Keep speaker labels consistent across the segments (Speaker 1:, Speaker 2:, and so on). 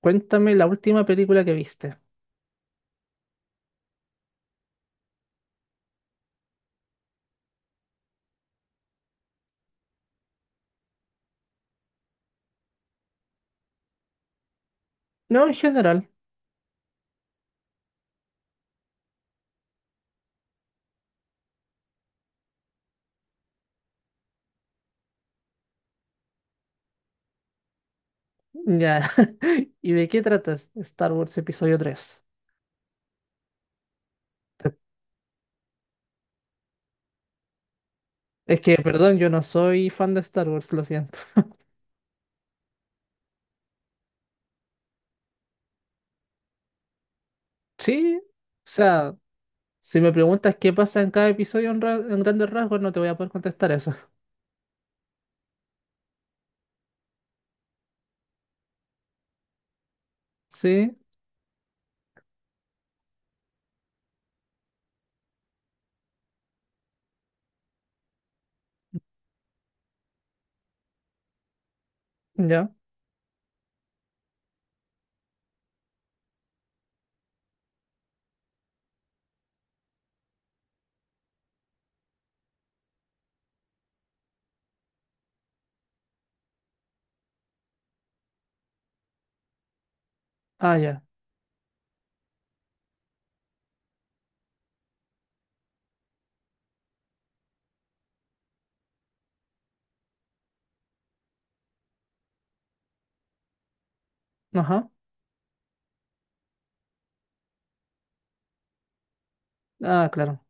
Speaker 1: Cuéntame la última película que viste. No, en general. Ya. ¿Y de qué tratas? ¿Star Wars Episodio 3? Es que, perdón, yo no soy fan de Star Wars, lo siento. Sí, o sea, si me preguntas qué pasa en cada episodio en grandes rasgos, no te voy a poder contestar eso. Sí, ya. Ah, ya. Ajá. Ah, claro.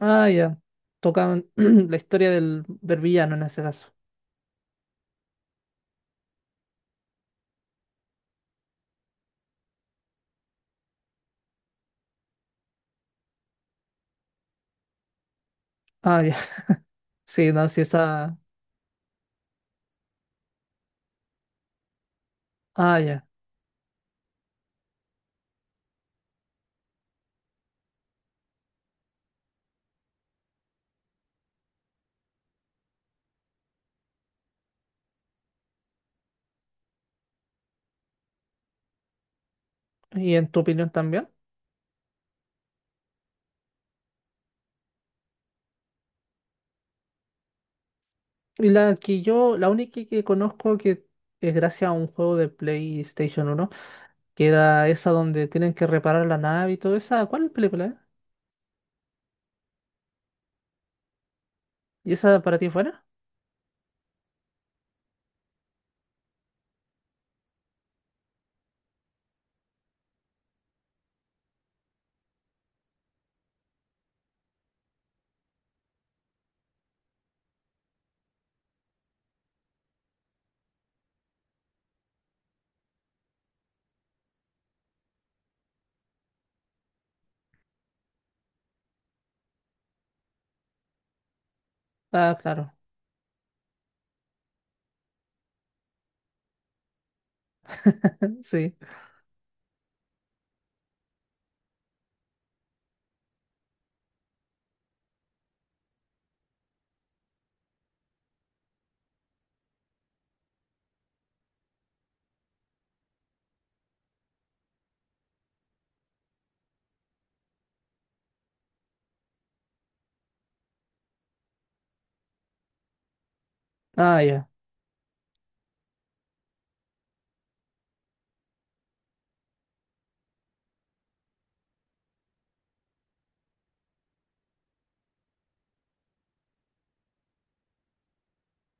Speaker 1: Ah, ya. Tocan la historia del villano en ese caso. Ah, ya. Sí, no, sí, esa. Ah, ya. ¿Y en tu opinión también? Y la que yo, la única que conozco que es gracias a un juego de PlayStation 1, que era esa donde tienen que reparar la nave y todo esa, ¿cuál película es? ¿Y esa para ti fuera? Ah, claro, sí. Ah, ya.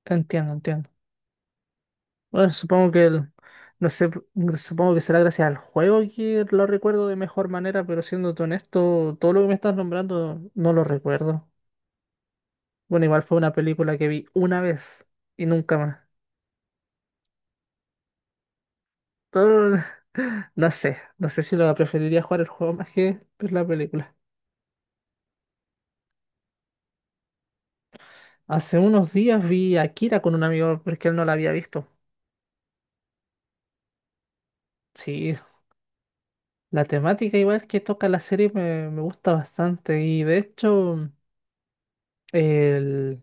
Speaker 1: Entiendo, entiendo. Bueno, no sé, supongo que será gracias al juego que lo recuerdo de mejor manera, pero siéndote honesto, todo lo que me estás nombrando no lo recuerdo. Bueno, igual fue una película que vi una vez y nunca más. Todo- No sé, no sé si lo preferiría jugar el juego más que ver la película. Hace unos días vi a Akira con un amigo porque él no la había visto. Sí, la temática igual que toca la serie me gusta bastante, y de hecho el-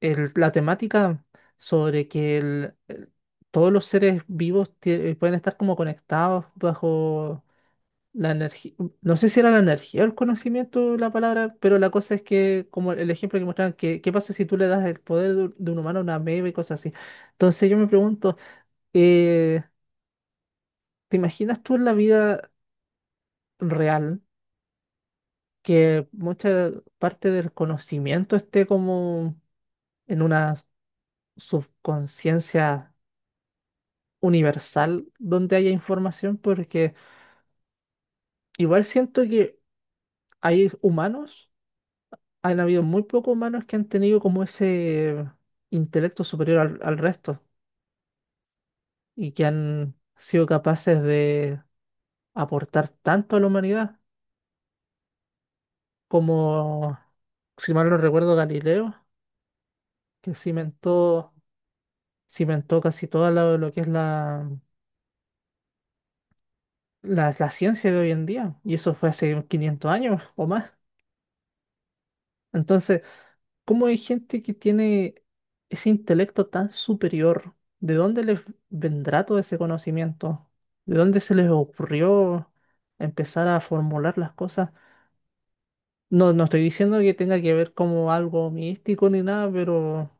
Speaker 1: la temática sobre que todos los seres vivos pueden estar como conectados bajo la energía, no sé si era la energía o el conocimiento la palabra, pero la cosa es que, como el ejemplo que mostraban, que, ¿qué pasa si tú le das el poder de un humano a una ameba y cosas así? Entonces yo me pregunto, eh, ¿te imaginas tú, en la vida real, que mucha parte del conocimiento esté como en una subconsciencia universal donde haya información? Porque igual siento que hay humanos han habido muy pocos humanos que han tenido como ese intelecto superior al resto, y que han sido capaces de aportar tanto a la humanidad como, si mal no recuerdo, Galileo, que cimentó, cimentó casi todo lo que es la ciencia de hoy en día. Y eso fue hace 500 años o más. Entonces, ¿cómo hay gente que tiene ese intelecto tan superior? ¿De dónde les vendrá todo ese conocimiento? ¿De dónde se les ocurrió empezar a formular las cosas? No, no estoy diciendo que tenga que ver como algo místico ni nada, pero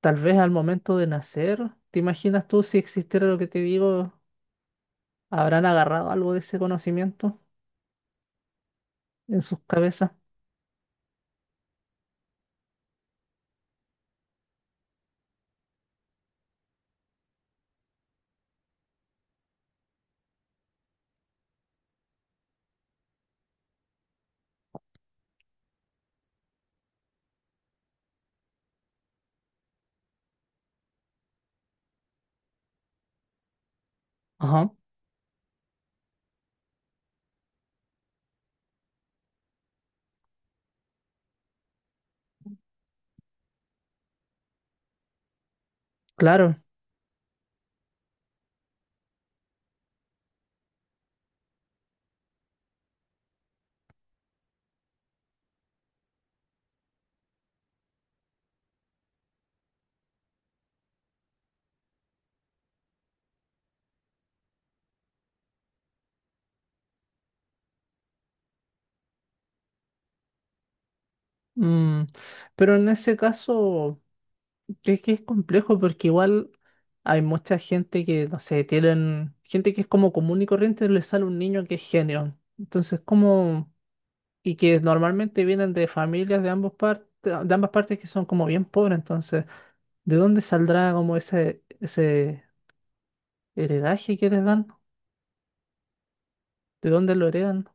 Speaker 1: tal vez al momento de nacer, ¿te imaginas tú, si existiera lo que te digo, habrán agarrado algo de ese conocimiento en sus cabezas? Ajá, claro. Mm, pero en ese caso... Es que es complejo, porque igual hay mucha gente que, no sé, tienen gente que es como común y corriente, les sale un niño que es genio. Entonces, como, y que normalmente vienen de familias de ambos partes, de ambas partes que son como bien pobres. Entonces, ¿de dónde saldrá como ese heredaje que les dan? ¿De dónde lo heredan?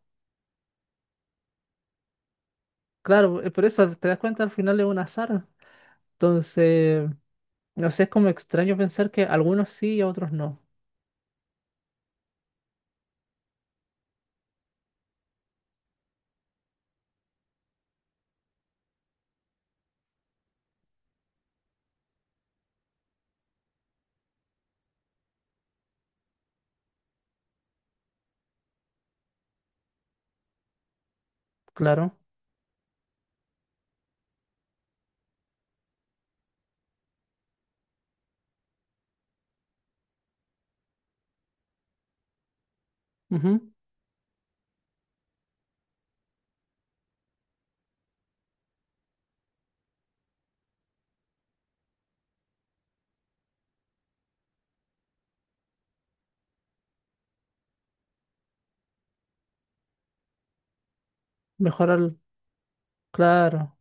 Speaker 1: Claro, por eso te das cuenta al final es un azar. Entonces, no sé, es como extraño pensar que algunos sí y otros no. Claro. Ujú. Mejor al... Claro.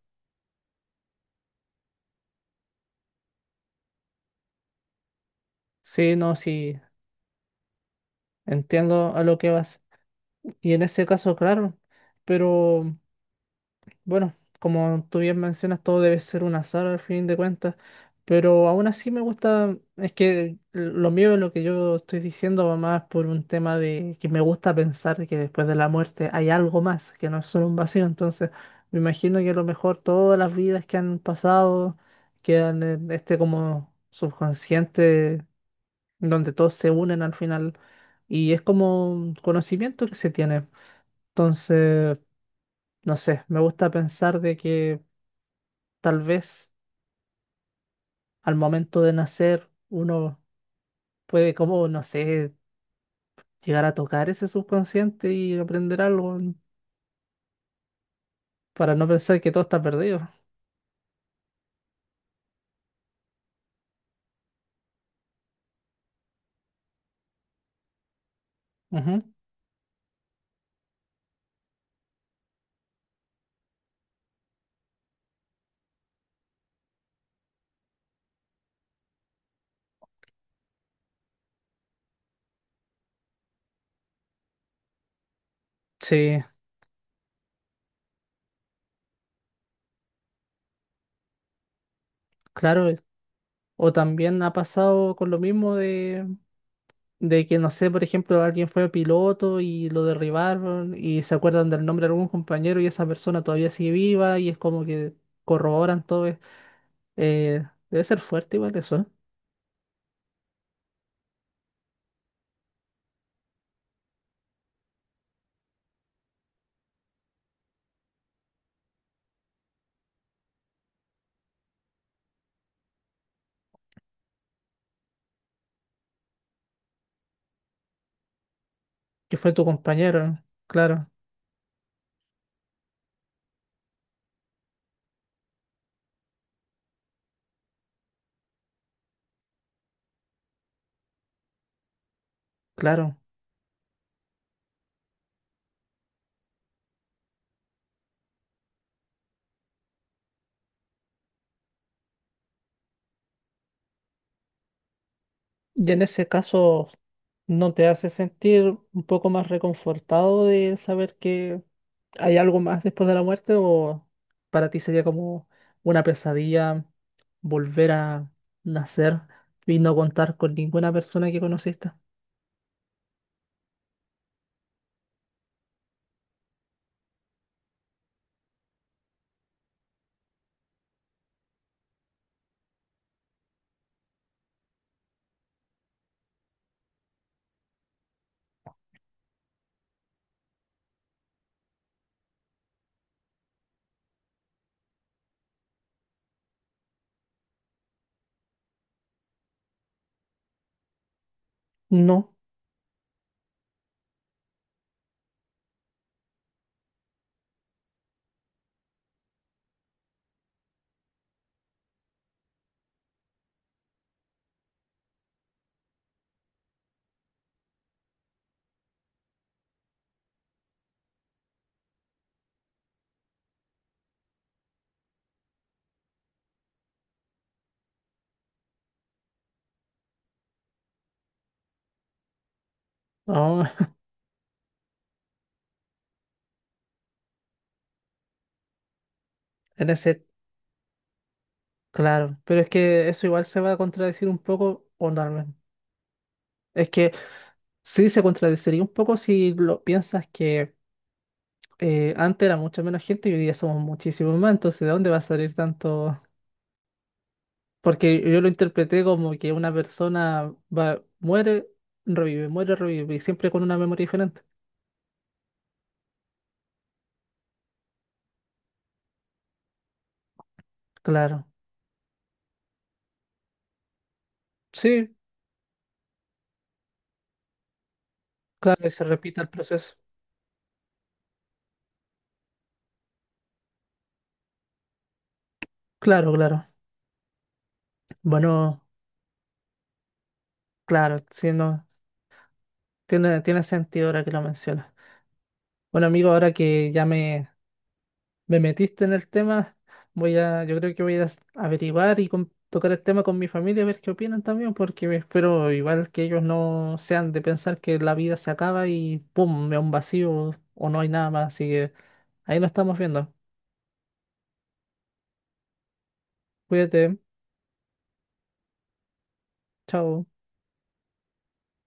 Speaker 1: Sí, no, sí, entiendo a lo que vas. Y en ese caso, claro, pero bueno, como tú bien mencionas, todo debe ser un azar al fin de cuentas, pero aún así me gusta. Es que lo mío, lo que yo estoy diciendo va más por un tema de que me gusta pensar que después de la muerte hay algo más, que no es solo un vacío. Entonces me imagino que a lo mejor todas las vidas que han pasado quedan en este como subconsciente donde todos se unen al final, y es como un conocimiento que se tiene. Entonces, no sé, me gusta pensar de que tal vez al momento de nacer uno puede como, no sé, llegar a tocar ese subconsciente y aprender algo, para no pensar que todo está perdido. Ujú. Sí, claro. O también ha pasado con lo mismo, de que, no sé, por ejemplo, alguien fue piloto y lo derribaron, y se acuerdan del nombre de algún compañero y esa persona todavía sigue viva, y es como que corroboran todo. Eh, Debe ser fuerte igual eso, ¿eh? Que fue tu compañero, claro, claro. Y en ese caso, ¿no te hace sentir un poco más reconfortado de saber que hay algo más después de la muerte? ¿O para ti sería como una pesadilla volver a nacer y no contar con ninguna persona que conociste? No. Ah, en ese, claro. Pero es que eso igual se va a contradecir un poco, o no, no. Es que sí se contradeciría un poco si lo piensas, que, antes era mucha menos gente y hoy día somos muchísimos más, entonces ¿de dónde va a salir tanto? Porque yo lo interpreté como que una persona va, muere, revive, y siempre con una memoria diferente. Claro, sí, claro, y se repite el proceso. Claro, claro. Bueno, claro, sí, no, tiene sentido ahora que lo mencionas. Bueno, amigo, ahora que ya me metiste en el tema. Voy a, yo creo que voy a averiguar y tocar el tema con mi familia, a ver qué opinan también, porque me espero igual que ellos no sean de pensar que la vida se acaba y pum, me da un vacío o no hay nada más. Así que ahí lo estamos viendo. Cuídate, chao.